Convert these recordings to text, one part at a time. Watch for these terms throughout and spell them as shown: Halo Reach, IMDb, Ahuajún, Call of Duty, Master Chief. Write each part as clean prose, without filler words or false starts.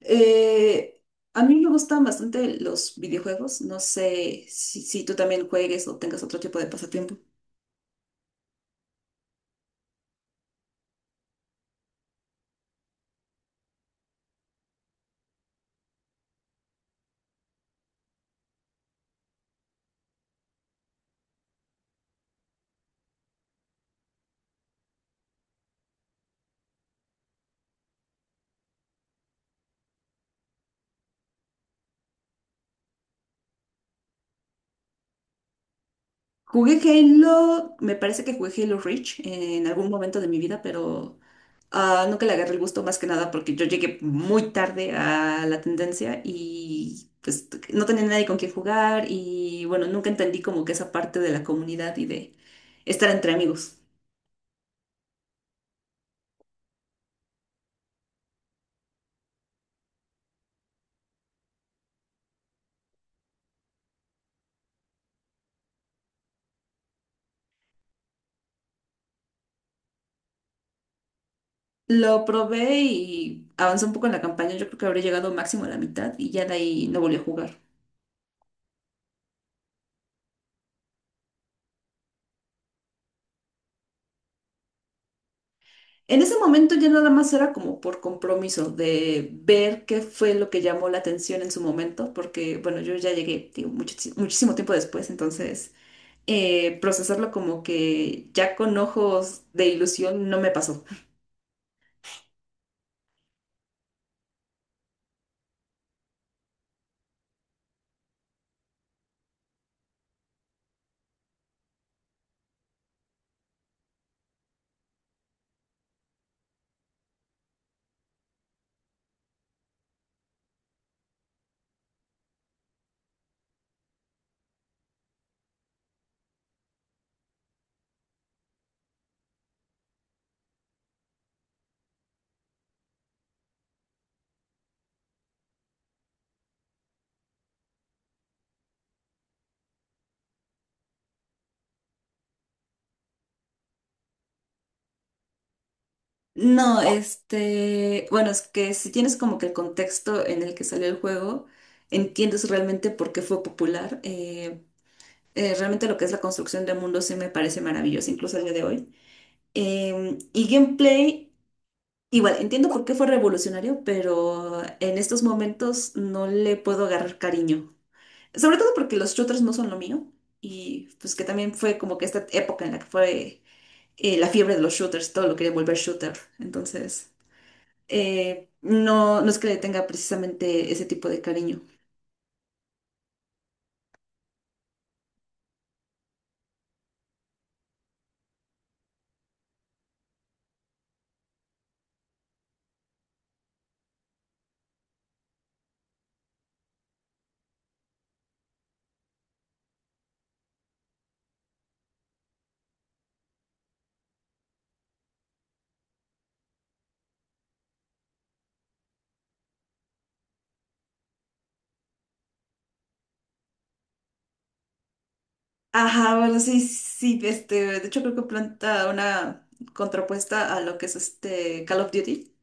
Eh, a mí me gustan bastante los videojuegos. No sé si tú también juegues o tengas otro tipo de pasatiempo. Jugué Halo, me parece que jugué Halo Reach en algún momento de mi vida, pero nunca le agarré el gusto más que nada porque yo llegué muy tarde a la tendencia y pues no tenía nadie con quien jugar y bueno, nunca entendí como que esa parte de la comunidad y de estar entre amigos. Lo probé y avanzó un poco en la campaña. Yo creo que habré llegado máximo a la mitad y ya de ahí no volví a jugar. En ese momento ya nada más era como por compromiso de ver qué fue lo que llamó la atención en su momento, porque bueno, yo ya llegué, digo, muchísimo tiempo después, entonces procesarlo como que ya con ojos de ilusión no me pasó. No, este, bueno, es que si tienes como que el contexto en el que salió el juego, entiendes realmente por qué fue popular. Realmente lo que es la construcción de mundos sí me parece maravilloso, incluso el día de hoy. Y gameplay, igual, entiendo por qué fue revolucionario, pero en estos momentos no le puedo agarrar cariño. Sobre todo porque los shooters no son lo mío. Y pues que también fue como que esta época en la que fue la fiebre de los shooters, todo lo quería volver shooter. Entonces, no, no es que le tenga precisamente ese tipo de cariño. Ajá, bueno, sí, sí, este, de hecho creo que planta una contrapuesta a lo que es este Call of Duty.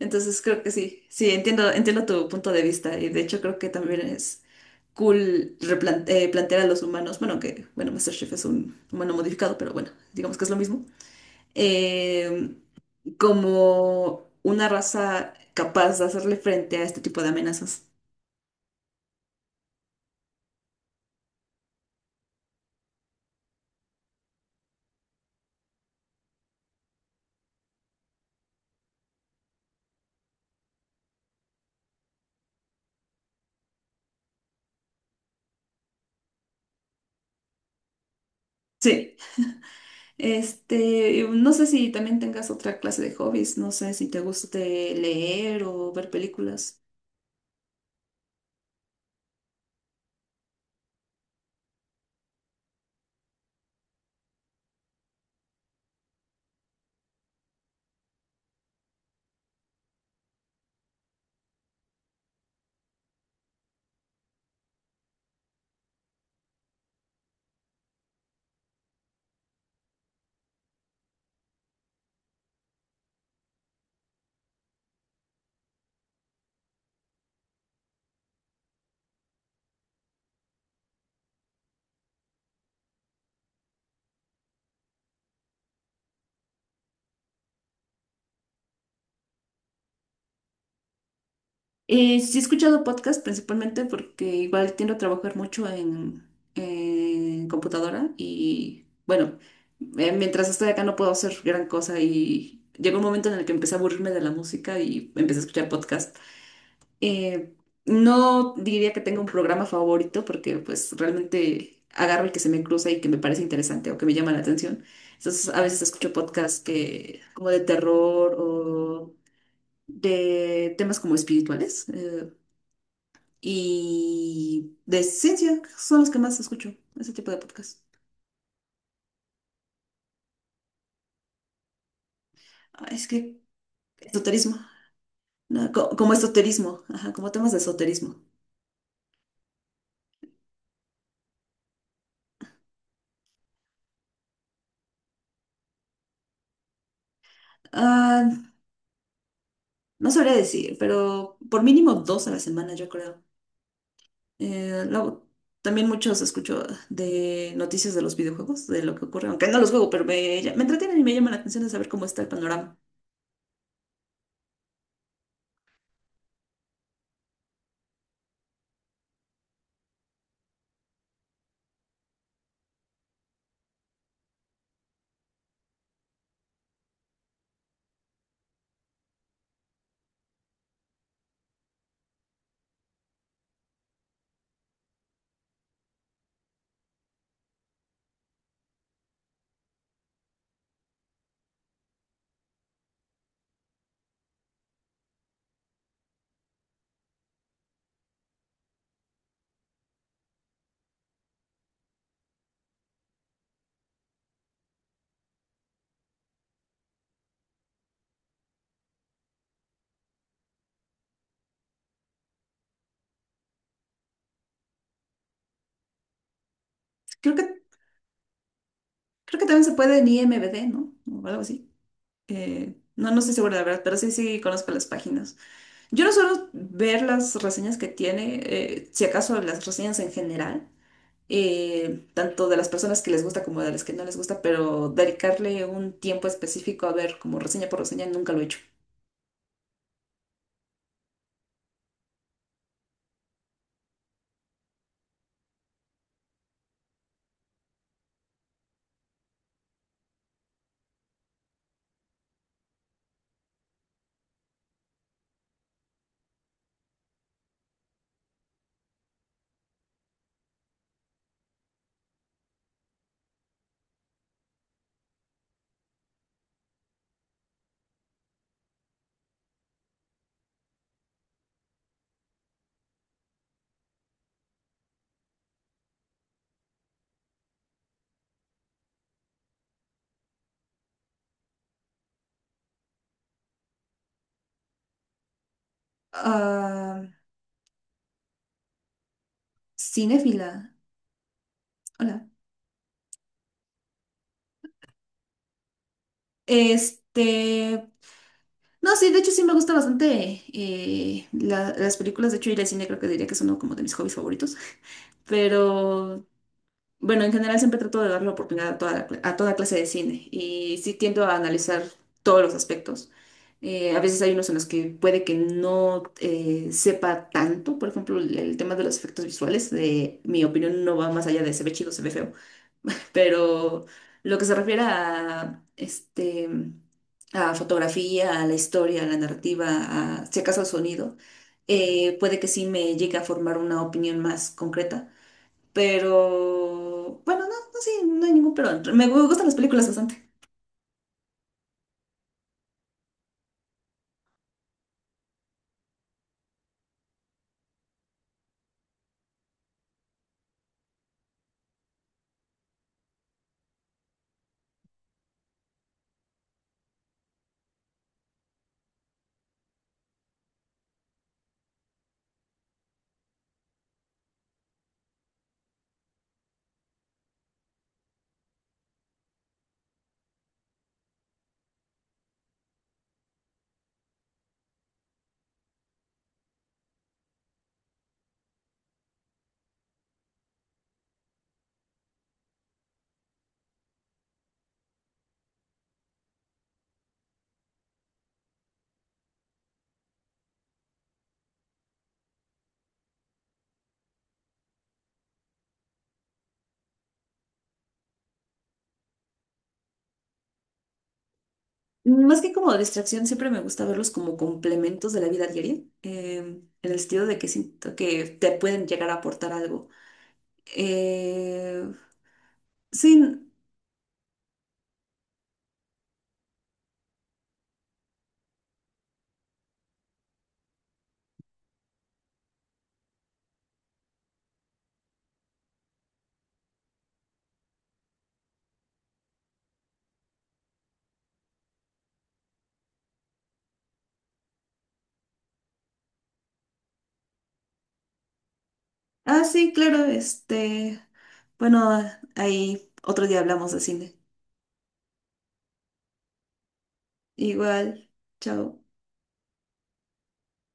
Entonces creo que sí, sí, entiendo, entiendo tu punto de vista y de hecho creo que también es cool plantear a los humanos, bueno, que, bueno, Master Chief es un humano modificado, pero bueno, digamos que es lo mismo, eh, como una raza capaz de hacerle frente a este tipo de amenazas. Sí. Este, no sé si también tengas otra clase de hobbies, no sé si te guste leer o ver películas. Sí he escuchado podcast principalmente porque igual tiendo a trabajar mucho en computadora y bueno, mientras estoy acá no puedo hacer gran cosa y llegó un momento en el que empecé a aburrirme de la música y empecé a escuchar podcast. Eh, no diría que tenga un programa favorito porque pues realmente agarro el que se me cruza y que me parece interesante o que me llama la atención. Entonces a veces escucho podcasts que como de terror o de temas como espirituales y de ciencia son los que más escucho, ese tipo de podcasts. Ah, es que esoterismo, no, como esoterismo, ajá, como temas de esoterismo. Ah, no sabría decir, pero por mínimo dos a la semana yo creo. Eh, luego, también muchos escucho de noticias de los videojuegos, de lo que ocurre, aunque no los juego, pero me entretienen y me llama la atención de saber cómo está el panorama. Creo que, creo que también se puede en IMDb, ¿no? O algo así. No estoy segura de la verdad, pero sí, sí conozco las páginas. Yo no suelo ver las reseñas que tiene, si acaso las reseñas en general, tanto de las personas que les gusta como de las que no les gusta, pero dedicarle un tiempo específico a ver como reseña por reseña nunca lo he hecho. Ah, cinéfila. Hola. Este. No, sí, de hecho sí me gusta bastante las películas. De hecho, ir al cine creo que diría que es uno como de mis hobbies favoritos. Pero bueno, en general siempre trato de dar la oportunidad a toda, a toda clase de cine. Y sí tiendo a analizar todos los aspectos. A veces hay unos en los que puede que no sepa tanto. Por ejemplo, el tema de los efectos visuales. De mi opinión no va más allá de se ve chido, se ve feo. Pero lo que se refiere a, este, a fotografía, a la historia, a la narrativa, a si acaso al sonido, puede que sí me llegue a formar una opinión más concreta. Pero bueno, no, no, sí, no hay ningún pero. Me gustan las películas bastante. Más que como distracción, siempre me gusta verlos como complementos de la vida diaria, eh, en el sentido de que siento que te pueden llegar a aportar algo. Eh, sí. Ah, sí, claro, este, bueno, ahí otro día hablamos de cine. Igual, chao.